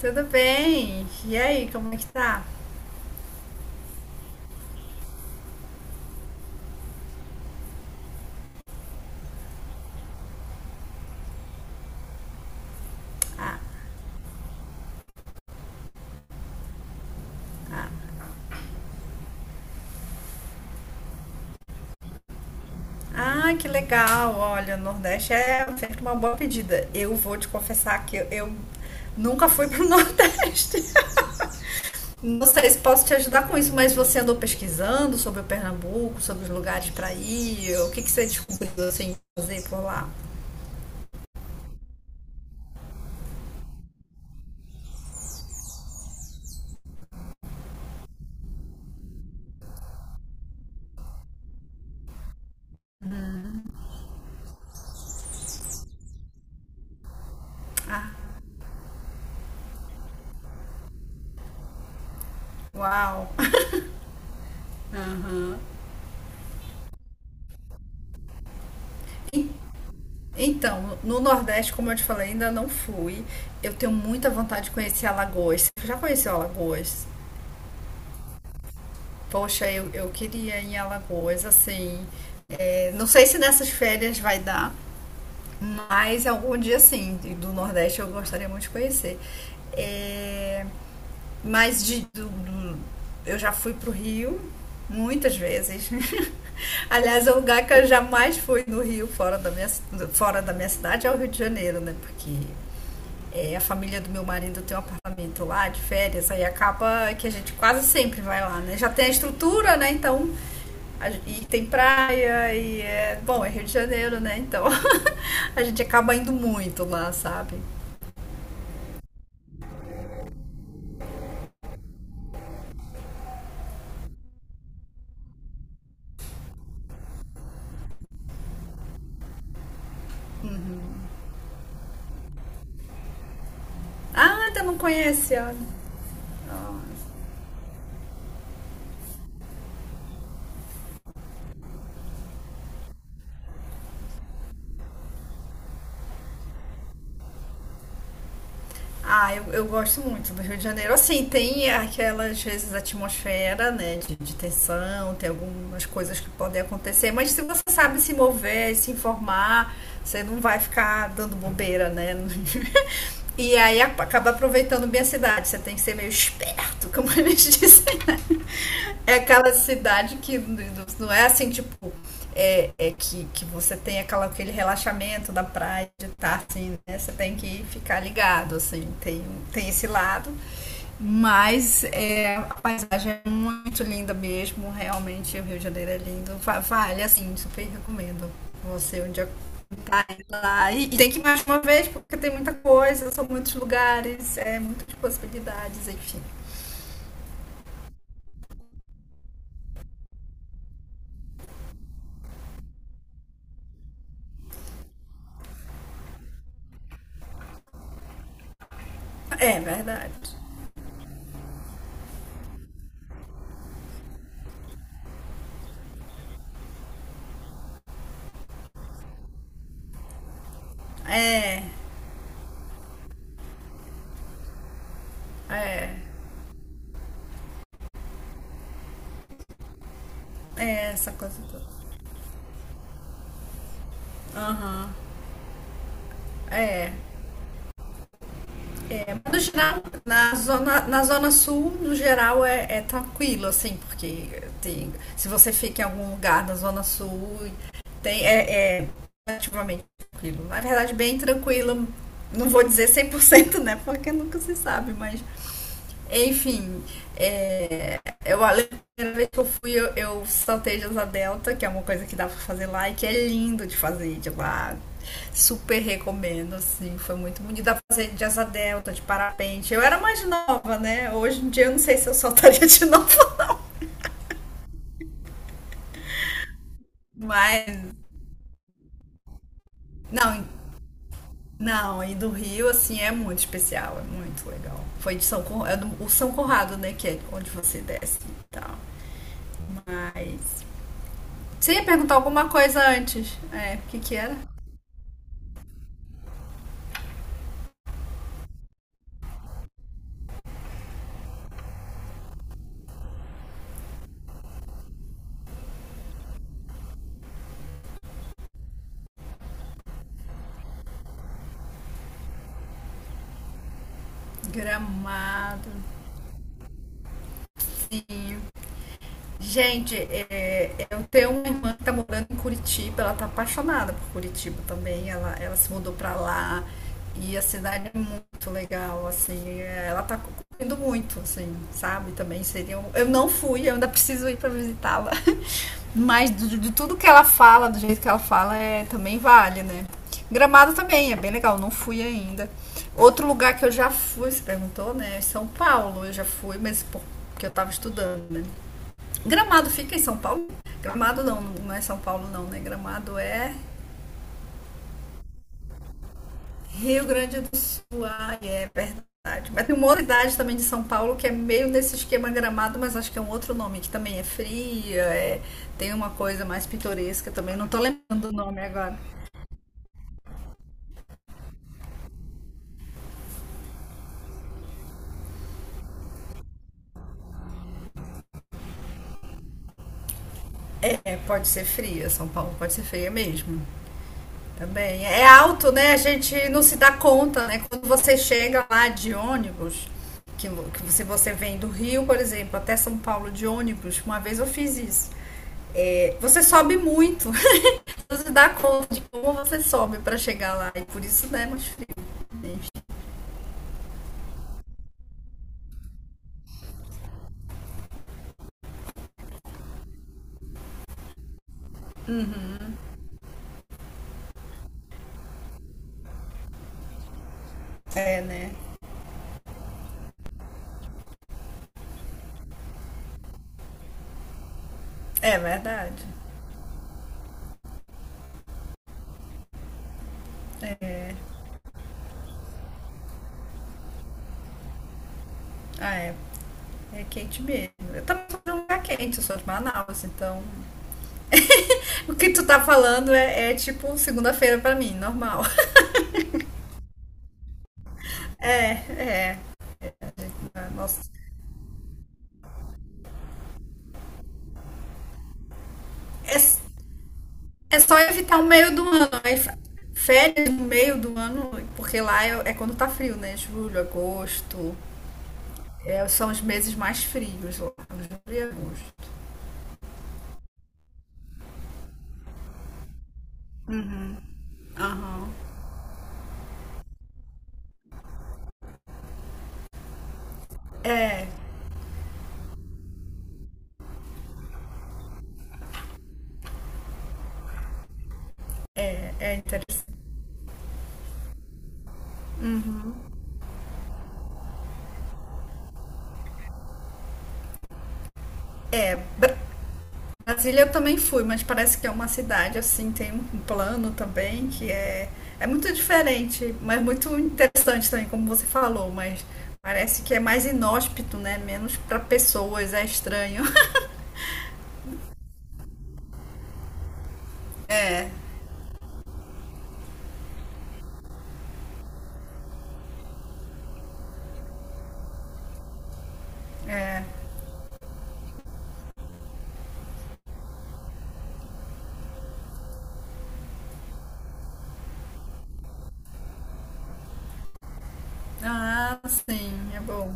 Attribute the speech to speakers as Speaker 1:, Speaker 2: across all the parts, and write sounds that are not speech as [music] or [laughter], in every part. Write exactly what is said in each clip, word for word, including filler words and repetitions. Speaker 1: Tudo bem? E aí, como é que tá? Ah, que legal! Olha, o Nordeste é sempre uma boa pedida. Eu vou te confessar que eu, eu nunca fui pro [laughs] Nordeste. Não sei se posso te ajudar com isso, mas você andou pesquisando sobre o Pernambuco, sobre os lugares para ir? O que que você descobriu assim fazer por lá? Uau! Aham. Então, no Nordeste, como eu te falei, ainda não fui. Eu tenho muita vontade de conhecer Alagoas. Você já conheceu Alagoas? Poxa, eu, eu queria ir em Alagoas, assim. É, não sei se nessas férias vai dar, mas algum dia sim, do Nordeste eu gostaria muito de conhecer. É, mas de, do, do- eu já fui pro Rio muitas vezes. [laughs] Aliás, é o lugar que eu jamais fui no Rio, fora da minha, fora da minha cidade, é o Rio de Janeiro, né? Porque é, a família do meu marido tem um apartamento lá de férias, aí acaba que a gente quase sempre vai lá, né? Já tem a estrutura, né? Então, a e tem praia, e é. Bom, é Rio de Janeiro, né? Então, [laughs] a gente acaba indo muito lá, sabe? Ah, ainda não conhece, ah, Ah, eu, eu gosto muito do Rio de Janeiro. Assim, tem aquelas, às vezes, atmosfera, né, de, de tensão, tem algumas coisas que podem acontecer, mas se você sabe se mover, se informar, você não vai ficar dando bobeira, né? [laughs] E aí a- acaba aproveitando bem a cidade. Você tem que ser meio esperto, como eles [laughs] dizem, né? É aquela cidade que n- n- não é assim, tipo, é, é que, que você tem aquela, aquele relaxamento da praia de estar assim, né? Você tem que ficar ligado, assim, tem, tem esse lado. Mas é, a paisagem é muito linda mesmo, realmente o Rio de Janeiro é lindo. Vale, assim, super recomendo você um dia tá lá. E, e tem que ir mais uma vez, porque tem muita coisa, são muitos lugares, é muitas possibilidades, enfim. É verdade. É, é, é essa coisa toda. É, É, no geral, na zona, na zona sul, no geral, é, é tranquilo, assim, porque tem, se você fica em algum lugar da zona sul, tem, é, é relativamente tranquilo. Na verdade, bem tranquilo. Não vou dizer cem por cento, né? Porque nunca se sabe, mas enfim, é, eu, a primeira vez que eu fui, eu, eu saltei de asa delta, que é uma coisa que dá pra fazer lá e que é lindo de fazer de lá. Super recomendo, assim, foi muito bonito. Dá pra fazer de asa delta, de parapente. Eu era mais nova, né? Hoje em dia eu não sei se eu saltaria de novo. [laughs] mas. Não, não, e do Rio, assim, é muito especial, é muito legal. Foi de São Conrado, o São Conrado, né, que é onde você desce e tal. Mas Você ia perguntar alguma coisa antes. É, o que que era? Gramado. Sim. Gente, é, eu tenho uma irmã que tá morando em Curitiba, ela tá apaixonada por Curitiba também, ela, ela se mudou pra lá e a cidade é muito legal, assim, é, ela tá curtindo muito, assim, sabe? Também seria. um- Eu não fui, eu ainda preciso ir pra visitá-la. [laughs] Mas de, de tudo que ela fala, do jeito que ela fala, é, também vale, né? Gramado também é bem legal, não fui ainda. Outro lugar que eu já fui, você perguntou, né? É São Paulo, eu já fui, mas por- porque eu tava estudando, né? Gramado fica em São Paulo? Gramado não, não é São Paulo não, né? Gramado é Rio Grande do Sul. Ah, é verdade. Mas tem uma outra cidade também de São Paulo que é meio nesse esquema Gramado, mas acho que é um outro nome, que também é fria, é- tem uma coisa mais pitoresca também. Não tô lembrando o nome agora. É, pode ser fria, São Paulo pode ser feia mesmo. Também. É alto, né? A gente não se dá conta, né? Quando você chega lá de ônibus, que, que se você vem do Rio, por exemplo, até São Paulo de ônibus, uma vez eu fiz isso. É, você sobe muito. [laughs] Você dá conta de como você sobe para chegar lá. E por isso não é mais frio. Né? É, né? É verdade. Ah, é. É quente mesmo. Eu também sou de um lugar quente, eu sou de Manaus, então. O que tu tá falando é, é tipo segunda-feira para mim, normal. [laughs] É, é. Nossa, é, é só evitar o meio do ano. Aí, férias no meio do ano, porque lá é, é quando tá frio, né? Julho, agosto. É, são os meses mais frios lá. Julho e agosto. Aham. É, é, é interessante. É, Bra- Brasília eu também fui, mas parece que é uma cidade assim, tem um plano também que é, é muito diferente, mas muito interessante também, como você falou, mas parece que é mais inóspito, né? Menos para pessoas, é estranho. [laughs] É, É. Ah, sim, é bom.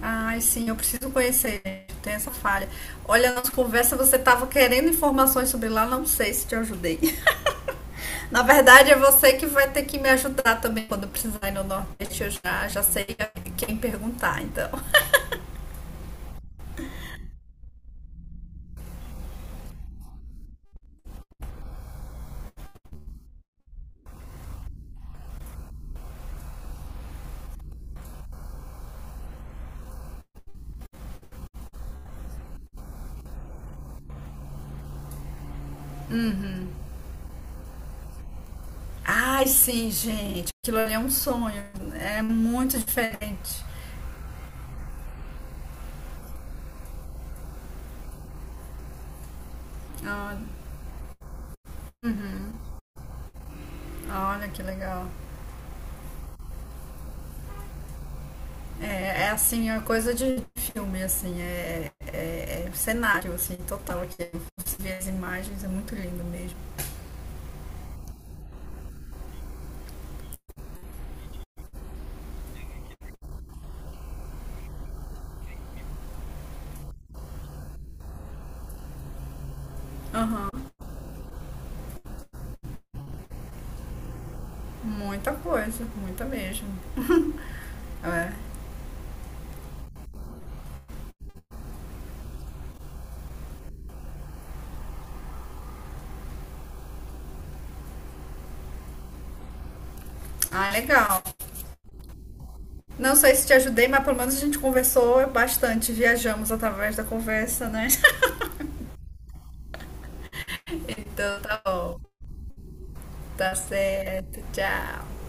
Speaker 1: Ai, sim, eu preciso conhecer, gente. Tem essa falha. Olha, a nossa conversa, você estava querendo informações sobre lá, não sei se te ajudei. [laughs] Na verdade, é você que vai ter que me ajudar também quando eu precisar ir no Nordeste. Eu já, já sei quem perguntar, então. Uhum. Ai, sim, gente, aquilo ali é um sonho. É muito diferente. Olha, uhum. Olha que legal. É, é assim, é uma coisa de filme, assim, é, é, é um cenário, assim, total aqui. Você vê as imagens, é muito lindo mesmo. Muita coisa, muita mesmo. É. Ah, legal. Não sei se te ajudei, mas pelo menos a gente conversou bastante, viajamos através da conversa, né? [laughs] Então tá bom, tá certo, tchau.